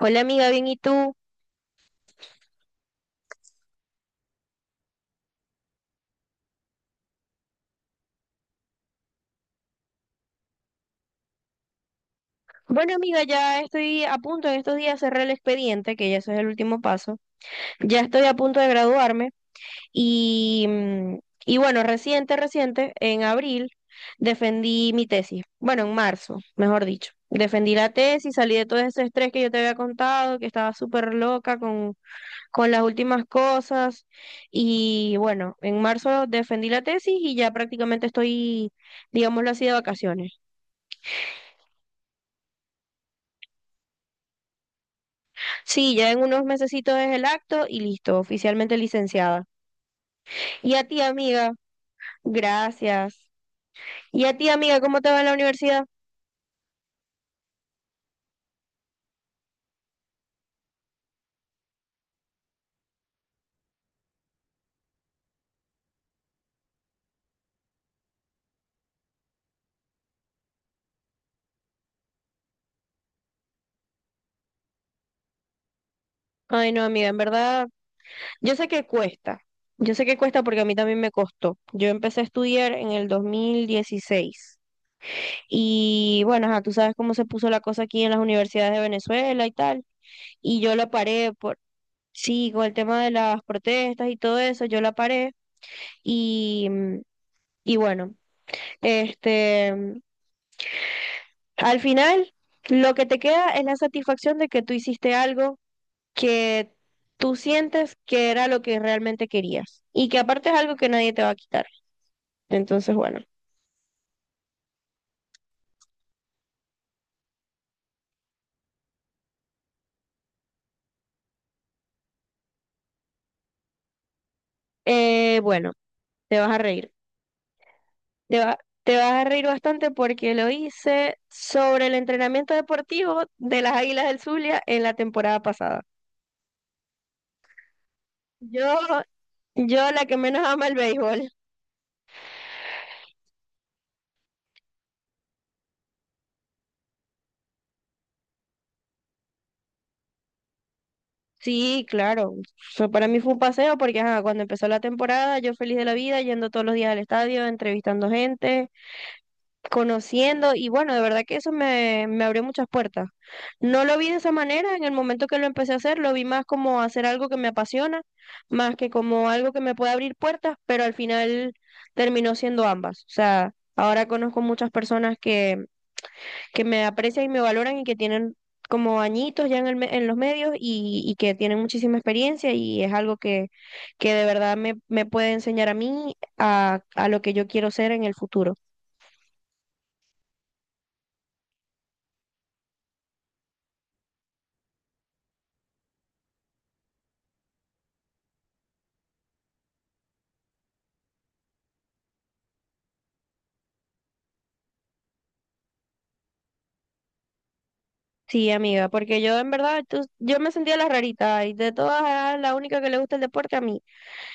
Hola, amiga, bien, ¿y tú? Bueno, amiga, ya estoy a punto en estos días de cerrar el expediente, que ya eso es el último paso. Ya estoy a punto de graduarme y, mm, y bueno, reciente, reciente, en abril defendí mi tesis. Bueno, en marzo, mejor dicho. Defendí la tesis, salí de todo ese estrés que yo te había contado, que estaba súper loca con las últimas cosas. Y bueno, en marzo defendí la tesis y ya prácticamente estoy, digámoslo así, de vacaciones. Sí, ya en unos mesecitos es el acto y listo, oficialmente licenciada. Y a ti, amiga, gracias. Y a ti, amiga, ¿cómo te va en la universidad? Ay, no, amiga, en verdad, yo sé que cuesta. Yo sé que cuesta porque a mí también me costó. Yo empecé a estudiar en el 2016. Y bueno, ajá, tú sabes cómo se puso la cosa aquí en las universidades de Venezuela y tal. Y yo la paré por, sí, con el tema de las protestas y todo eso, yo la paré. Y, mm, y bueno, este, al final, lo que te queda es la satisfacción de que tú hiciste algo que tú sientes que era lo que realmente querías y que aparte es algo que nadie te va a quitar. Entonces, bueno, bueno, te vas a reír. Te va- Te vas a reír bastante porque lo hice sobre el entrenamiento deportivo de las Águilas del Zulia en la temporada pasada. Yo, yo la que menos ama el béisbol. Sí, claro. O sea, para mí fue un paseo porque ajá, cuando empezó la temporada yo feliz de la vida, yendo todos los días al estadio, entrevistando gente, conociendo, y bueno, de verdad que eso me abrió muchas puertas. No lo vi de esa manera en el momento que lo empecé a hacer, lo vi más como hacer algo que me apasiona, más que como algo que me puede abrir puertas, pero al final terminó siendo ambas. O sea, ahora conozco muchas personas que me aprecian y me valoran y que tienen como añitos ya en los medios, y que tienen muchísima experiencia, y es algo que de verdad me puede enseñar a mí a lo que yo quiero ser en el futuro. Sí, amiga, porque yo en verdad, tú- yo me sentía la rarita y de todas era la única que le gusta el deporte a mí.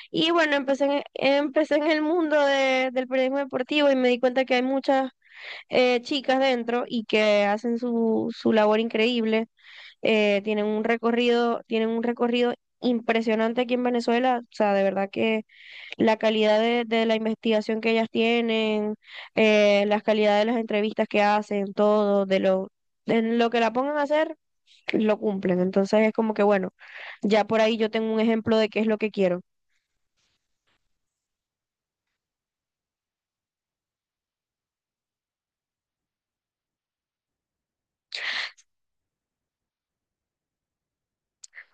Y bueno, empecé en el mundo de- del periodismo deportivo, y me di cuenta que hay muchas chicas dentro y que hacen su labor increíble. Tienen un recorrido, impresionante aquí en Venezuela. O sea, de verdad que la calidad de la investigación que ellas tienen, la calidad de las entrevistas que hacen, todo, de lo que la pongan a hacer, lo cumplen. Entonces es como que, bueno, ya por ahí yo tengo un ejemplo de qué es lo que quiero.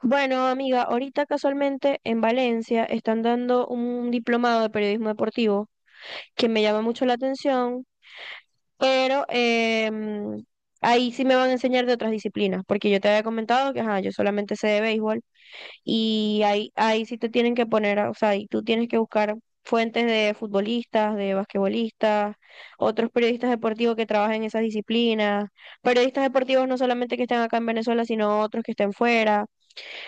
Bueno, amiga, ahorita casualmente en Valencia están dando un diplomado de periodismo deportivo que me llama mucho la atención, pero ahí sí me van a enseñar de otras disciplinas, porque yo te había comentado que ajá, yo solamente sé de béisbol, y ahí sí te tienen que poner, o sea, y tú tienes que buscar fuentes de futbolistas, de basquetbolistas, otros periodistas deportivos que trabajen en esas disciplinas, periodistas deportivos no solamente que estén acá en Venezuela, sino otros que estén fuera.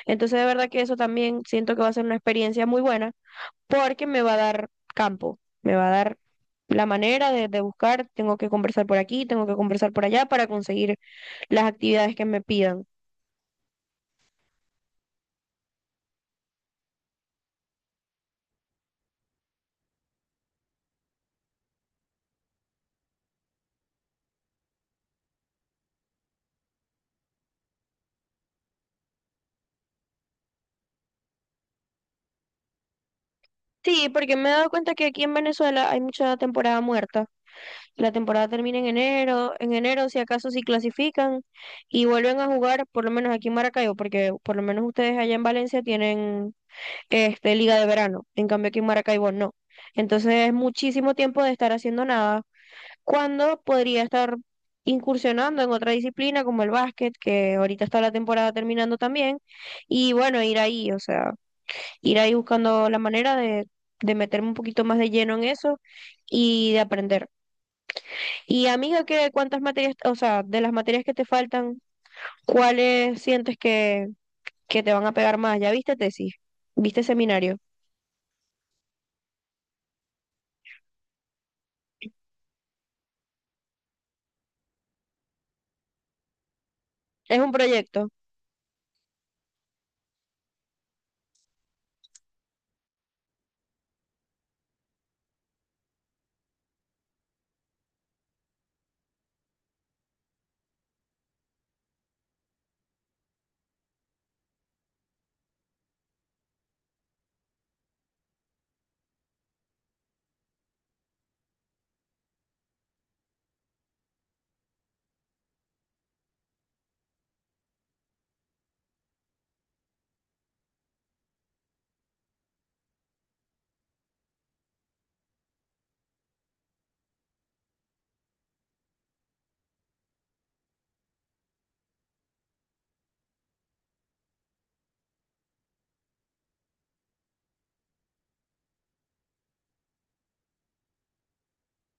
Entonces, de verdad que eso también siento que va a ser una experiencia muy buena, porque me va a dar campo, me va a dar la manera de buscar, tengo que conversar por aquí, tengo que conversar por allá para conseguir las actividades que me pidan. Sí, porque me he dado cuenta que aquí en Venezuela hay mucha temporada muerta. La temporada termina en enero si acaso si clasifican y vuelven a jugar, por lo menos aquí en Maracaibo, porque por lo menos ustedes allá en Valencia tienen este liga de verano, en cambio aquí en Maracaibo no. Entonces es muchísimo tiempo de estar haciendo nada, cuando podría estar incursionando en otra disciplina como el básquet, que ahorita está la temporada terminando también, y bueno, ir ahí, o sea, ir ahí buscando la manera de meterme un poquito más de lleno en eso y de aprender. Y, amiga, ¿qué, cuántas materias, o sea, de las materias que te faltan, cuáles sientes que, te van a pegar más? ¿Ya viste tesis? ¿Viste seminario? ¿Es un proyecto?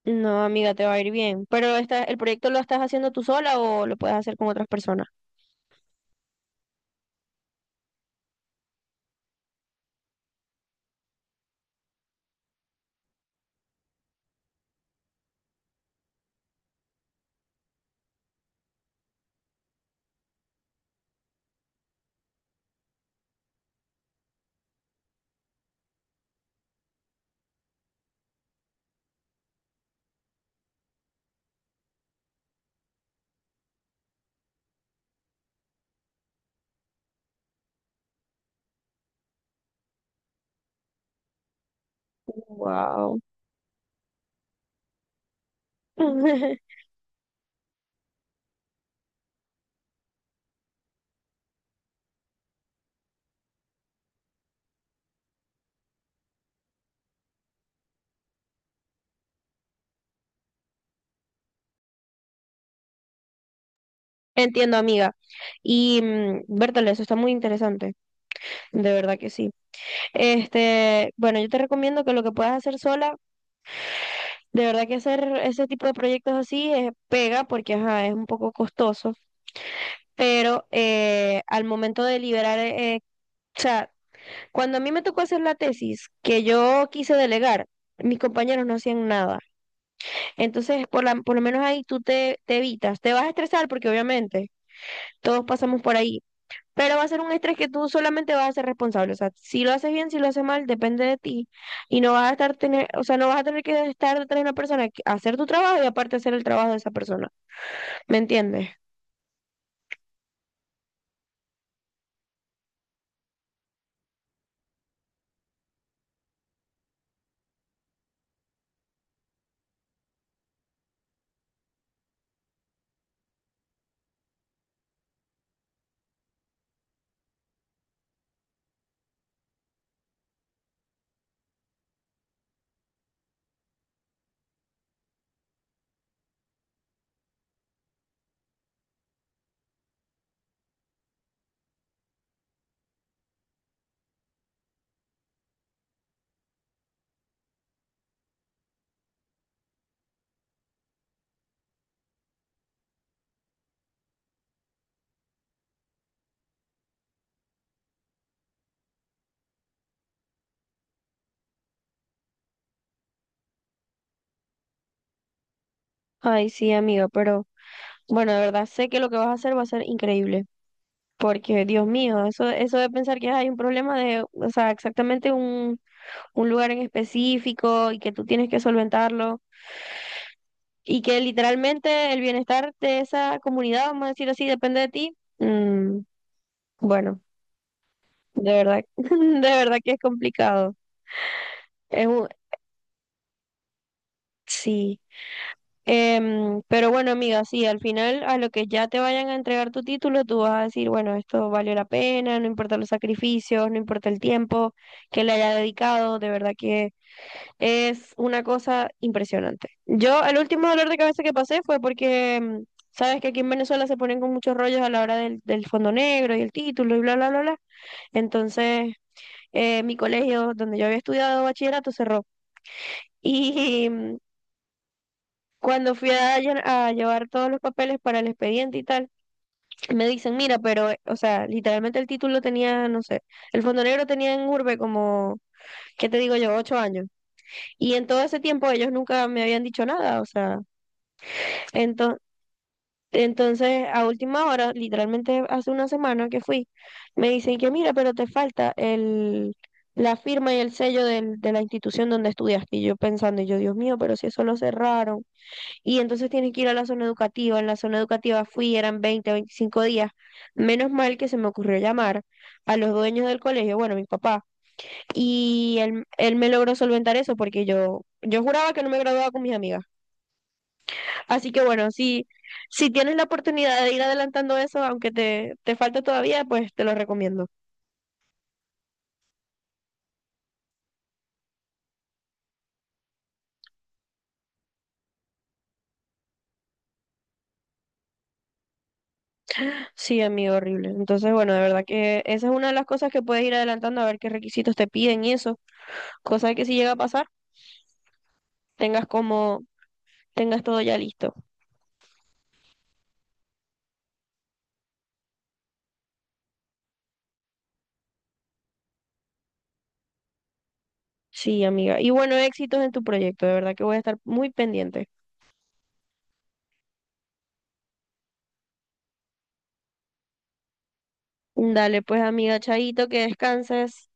No, amiga, te va a ir bien. Pero esta, ¿el proyecto lo estás haciendo tú sola o lo puedes hacer con otras personas? Wow. Entiendo, amiga. Y Bertale, eso está muy interesante. De verdad que sí. Este, bueno, yo te recomiendo que lo que puedas hacer sola, de verdad que hacer ese tipo de proyectos así pega, porque ajá, es un poco costoso, pero al momento de liberar, o sea, cuando a mí me tocó hacer la tesis que yo quise delegar, mis compañeros no hacían nada. Entonces, por lo menos ahí tú te evitas. Te vas a estresar porque obviamente todos pasamos por ahí, pero va a ser un estrés que tú solamente vas a ser responsable. O sea, si lo haces bien, si lo haces mal, depende de ti. Y no vas a estar tener, o sea, no vas a tener que estar detrás de una persona, hacer tu trabajo y aparte hacer el trabajo de esa persona. ¿Me entiendes? Ay, sí, amigo, pero bueno, de verdad sé que lo que vas a hacer va a ser increíble. Porque, Dios mío, eso de pensar que hay un problema de, o sea, exactamente un lugar en específico, y que tú tienes que solventarlo, y que literalmente el bienestar de esa comunidad, vamos a decir así, depende de ti. Bueno. De verdad, de verdad que es complicado. Es un- sí. Pero bueno, amiga, sí, al final a lo que ya te vayan a entregar tu título, tú vas a decir, bueno, esto valió la pena, no importa los sacrificios, no importa el tiempo que le haya dedicado, de verdad que es una cosa impresionante. Yo, el último dolor de cabeza que pasé fue porque, sabes que aquí en Venezuela se ponen con muchos rollos a la hora del fondo negro y el título y bla, bla, bla, bla. Entonces, mi colegio donde yo había estudiado bachillerato cerró. Y cuando fui a llevar todos los papeles para el expediente y tal, me dicen, mira, pero, o sea, literalmente el título tenía, no sé, el Fondo Negro tenía en Urbe como, ¿qué te digo yo?, 8 años. Y en todo ese tiempo ellos nunca me habían dicho nada, o sea, entonces… Entonces, a última hora, literalmente hace una semana que fui, me dicen que mira, pero te falta la firma y el sello de la institución donde estudiaste. Y yo pensando, y yo, Dios mío, pero si eso lo cerraron. Y entonces tienen que ir a la zona educativa. En la zona educativa fui, eran 20 25 días. Menos mal que se me ocurrió llamar a los dueños del colegio, bueno, mi papá. Y él me logró solventar eso, porque yo juraba que no me graduaba con mis amigas. Así que bueno, si tienes la oportunidad de ir adelantando eso, aunque te falte todavía, pues te lo recomiendo. Sí, amigo, horrible. Entonces, bueno, de verdad que esa es una de las cosas que puedes ir adelantando, a ver qué requisitos te piden y eso. Cosa que si llega a pasar, tengas como, tengas todo ya listo. Sí, amiga. Y bueno, éxitos en tu proyecto, de verdad que voy a estar muy pendiente. Dale, pues, amiga, chaito, que descanses.